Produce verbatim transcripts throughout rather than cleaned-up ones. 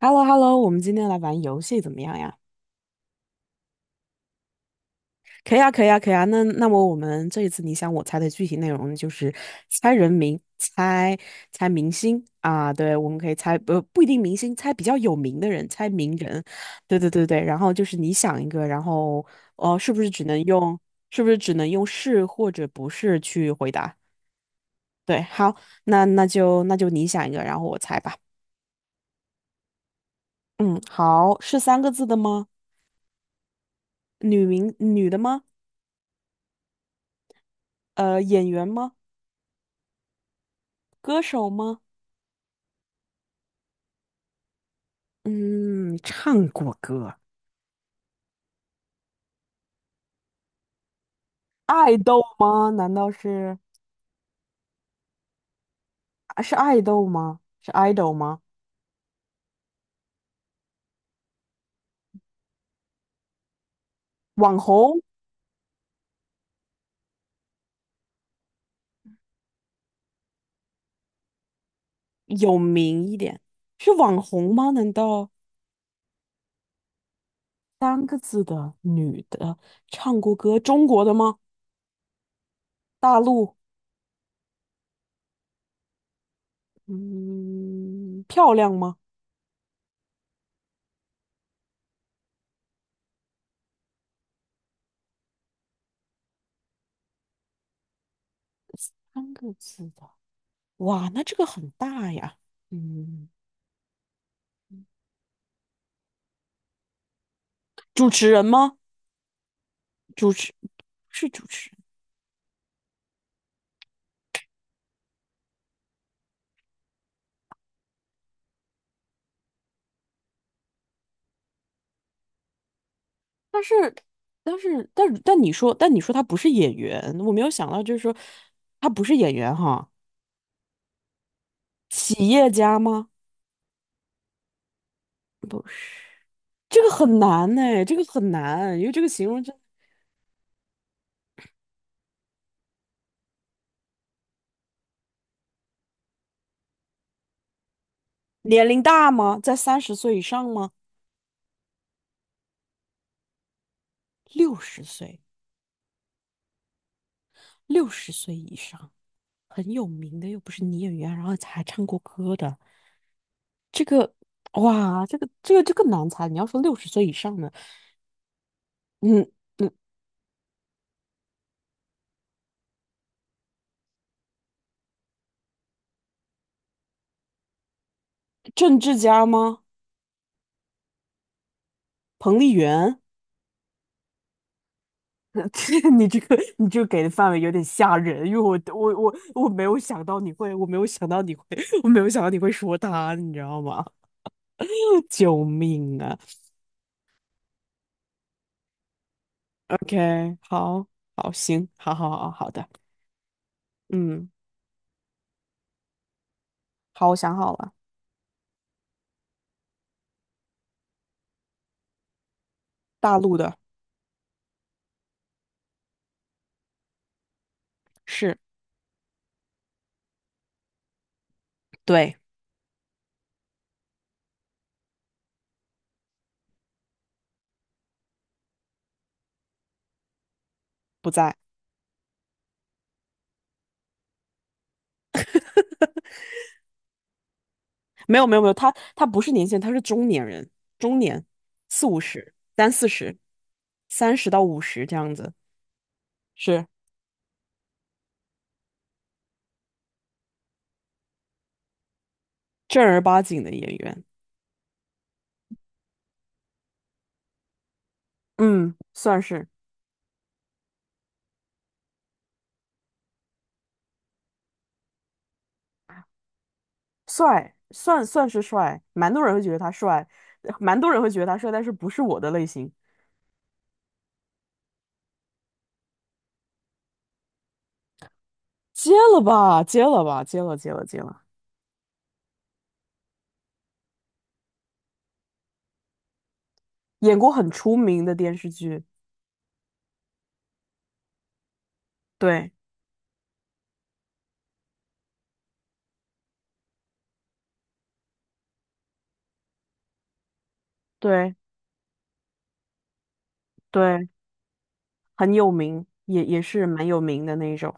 h e l l o h e l l o 我们今天来玩游戏怎么样呀？可以啊，可以啊，可以啊。那那么我们这一次你想我猜的具体内容就是猜人名、猜猜明星啊。对，我们可以猜不不一定明星，猜比较有名的人，猜名人。对对对对。然后就是你想一个，然后哦、呃是不是只能用是不是只能用是或者不是去回答？对，好，那那就那就你想一个，然后我猜吧。嗯，好，是三个字的吗？女名女的吗？呃，演员吗？歌手吗？嗯，唱过歌，爱豆吗？难道是啊是爱豆吗？是爱豆吗？网红有名一点，是网红吗？难道三个字的女的唱过歌，中国的吗？大陆，嗯，漂亮吗？三个字的，哇，那这个很大呀。嗯，主持人吗？主持是主持。人。但是，但是，但但你说，但你说他不是演员，我没有想到，就是说他不是演员哈，企业家吗？不是，这个很难呢，这个很难，因为这个形容真年龄大吗？在三十岁以上吗？六十岁，六十岁以上，很有名的，又不是女演员，然后还唱过歌的，这个哇，这个这个这个难猜。你要说六十岁以上的，嗯嗯，政治家吗？彭丽媛？你这个你这个给的范围有点吓人，因为我我我我没有想到你会，我没有想到你会，我没有想到你会说他，你知道吗？救命啊！OK，好，好，行，好好好好的，嗯，好，我想好了，大陆的是，对，不在，没有没有没有，他他不是年轻人，他是中年人，中年，四五十，三四十，三十到五十这样子，是正儿八经的演员，嗯，算是。帅，算算是帅，蛮多人会觉得他帅，呃蛮多人会觉得他帅，但是不是我的类型。接了吧，接了吧，接了，接了，接了。演过很出名的电视剧，对对对，很有名，也也是蛮有名的那一种。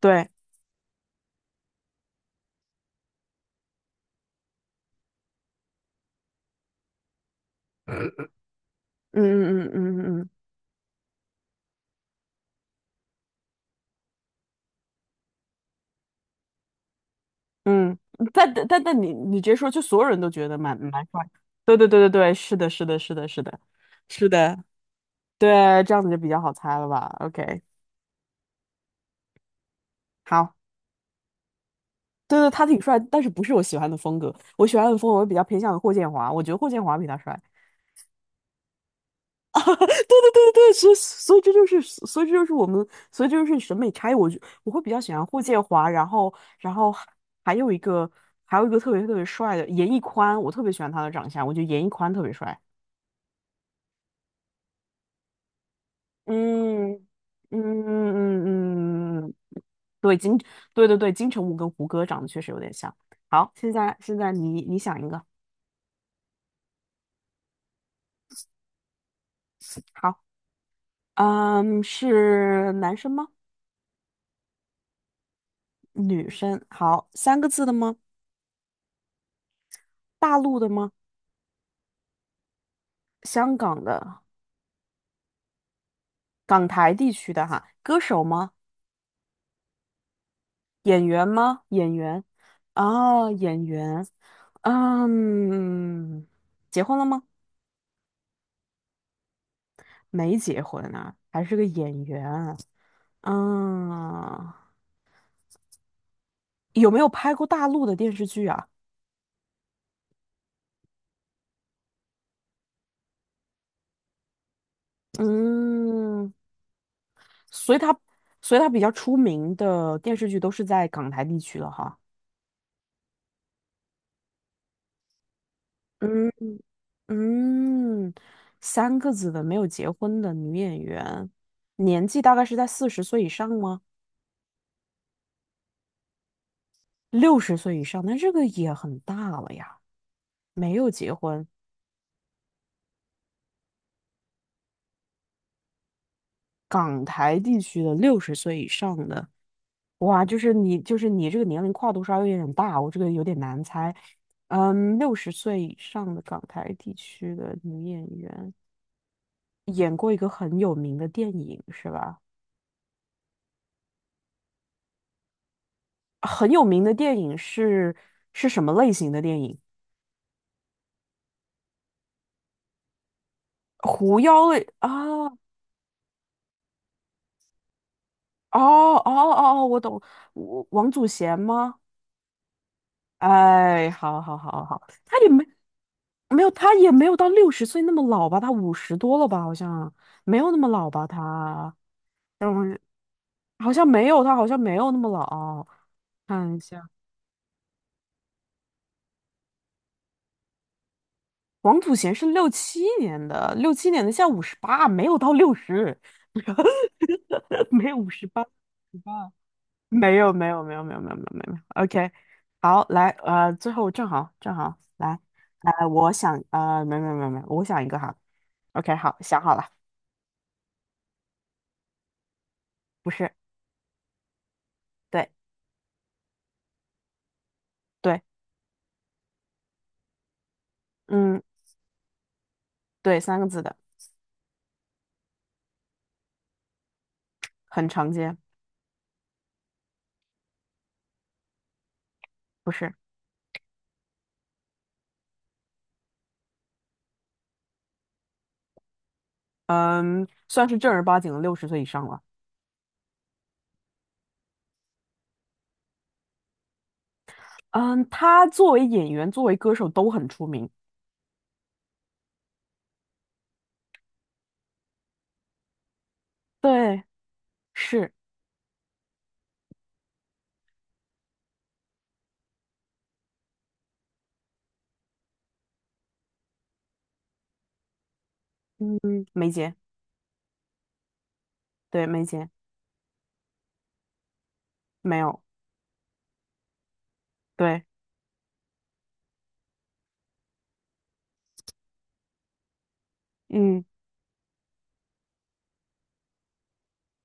对，嗯嗯嗯嗯嗯嗯，但但但但你你直接说，就所有人都觉得蛮蛮帅。对对对对对，是的，是的，是的，是的，是的，对，这样子就比较好猜了吧？OK，好。对对，他挺帅，但是不是我喜欢的风格。我喜欢的风格，我比较偏向于霍建华，我觉得霍建华比他帅。啊，对对对对，所以所以这就是所以这就是我们所以这就是审美差异。我觉我会比较喜欢霍建华，然后然后还还有一个还有一个特别特别帅的严屹宽，我特别喜欢他的长相，我觉得严屹宽特别帅。嗯嗯嗯嗯嗯，对金对对对金城武跟胡歌长得确实有点像。好，现在现在你你想一个，好。嗯，是男生吗？女生？好，三个字的吗？大陆的吗？香港的？港台地区的哈？歌手吗？演员吗？演员？啊，演员。嗯，结婚了吗？没结婚啊，还是个演员。嗯，有没有拍过大陆的电视剧啊？嗯，所以他，所以他比较出名的电视剧都是在港台地区了哈。嗯。嗯，三个子的没有结婚的女演员，年纪大概是在四十岁以上吗？六十岁以上，那这个也很大了呀。没有结婚，港台地区的六十岁以上的，哇，就是你，就是你这个年龄跨度稍微有点大，我这个有点难猜。嗯，六十岁以上的港台地区的女演员，演过一个很有名的电影，是吧？很有名的电影是是什么类型的电影？狐妖类啊，哦哦哦哦，我懂，我王祖贤吗？哎，好好好好，他也没没有，他也没有到六十岁那么老吧？他五十多了吧？好像没有那么老吧？他，嗯，好像没有，他好像没有那么老。看一下，王祖贤是六七年的，六七年的，现在五十八，没有到六十，没有五十八，五十八 没有没有没有没有没有没有没有，OK，好，来，呃，最后正好正好来，呃，我想，呃，没有没有没有没有我想一个哈，OK，好，想好了，不是，对对，嗯，对，三个字的，很常见，不是，嗯，算是正儿八经的六十岁以上了，嗯，他作为演员，作为歌手都很出名，对，是，嗯，梅姐，对，梅姐，没有，对，嗯，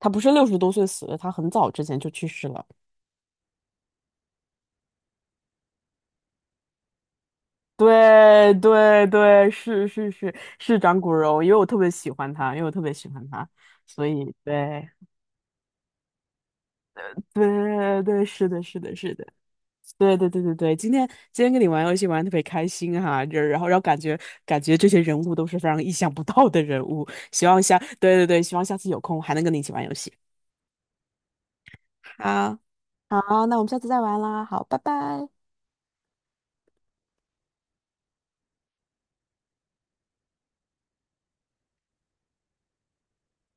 他不是六十多岁死的，他很早之前就去世了。对对对，是是是是长骨柔，因为我特别喜欢他，因为我特别喜欢他，所以对对对，是的，是的，是的，对对对对对，今天今天跟你玩游戏玩的特别开心哈，就然后然后感觉感觉这些人物都是非常意想不到的人物，希望下对对对，希望下次有空还能跟你一起玩游戏。好，好，那我们下次再玩啦，好，拜拜。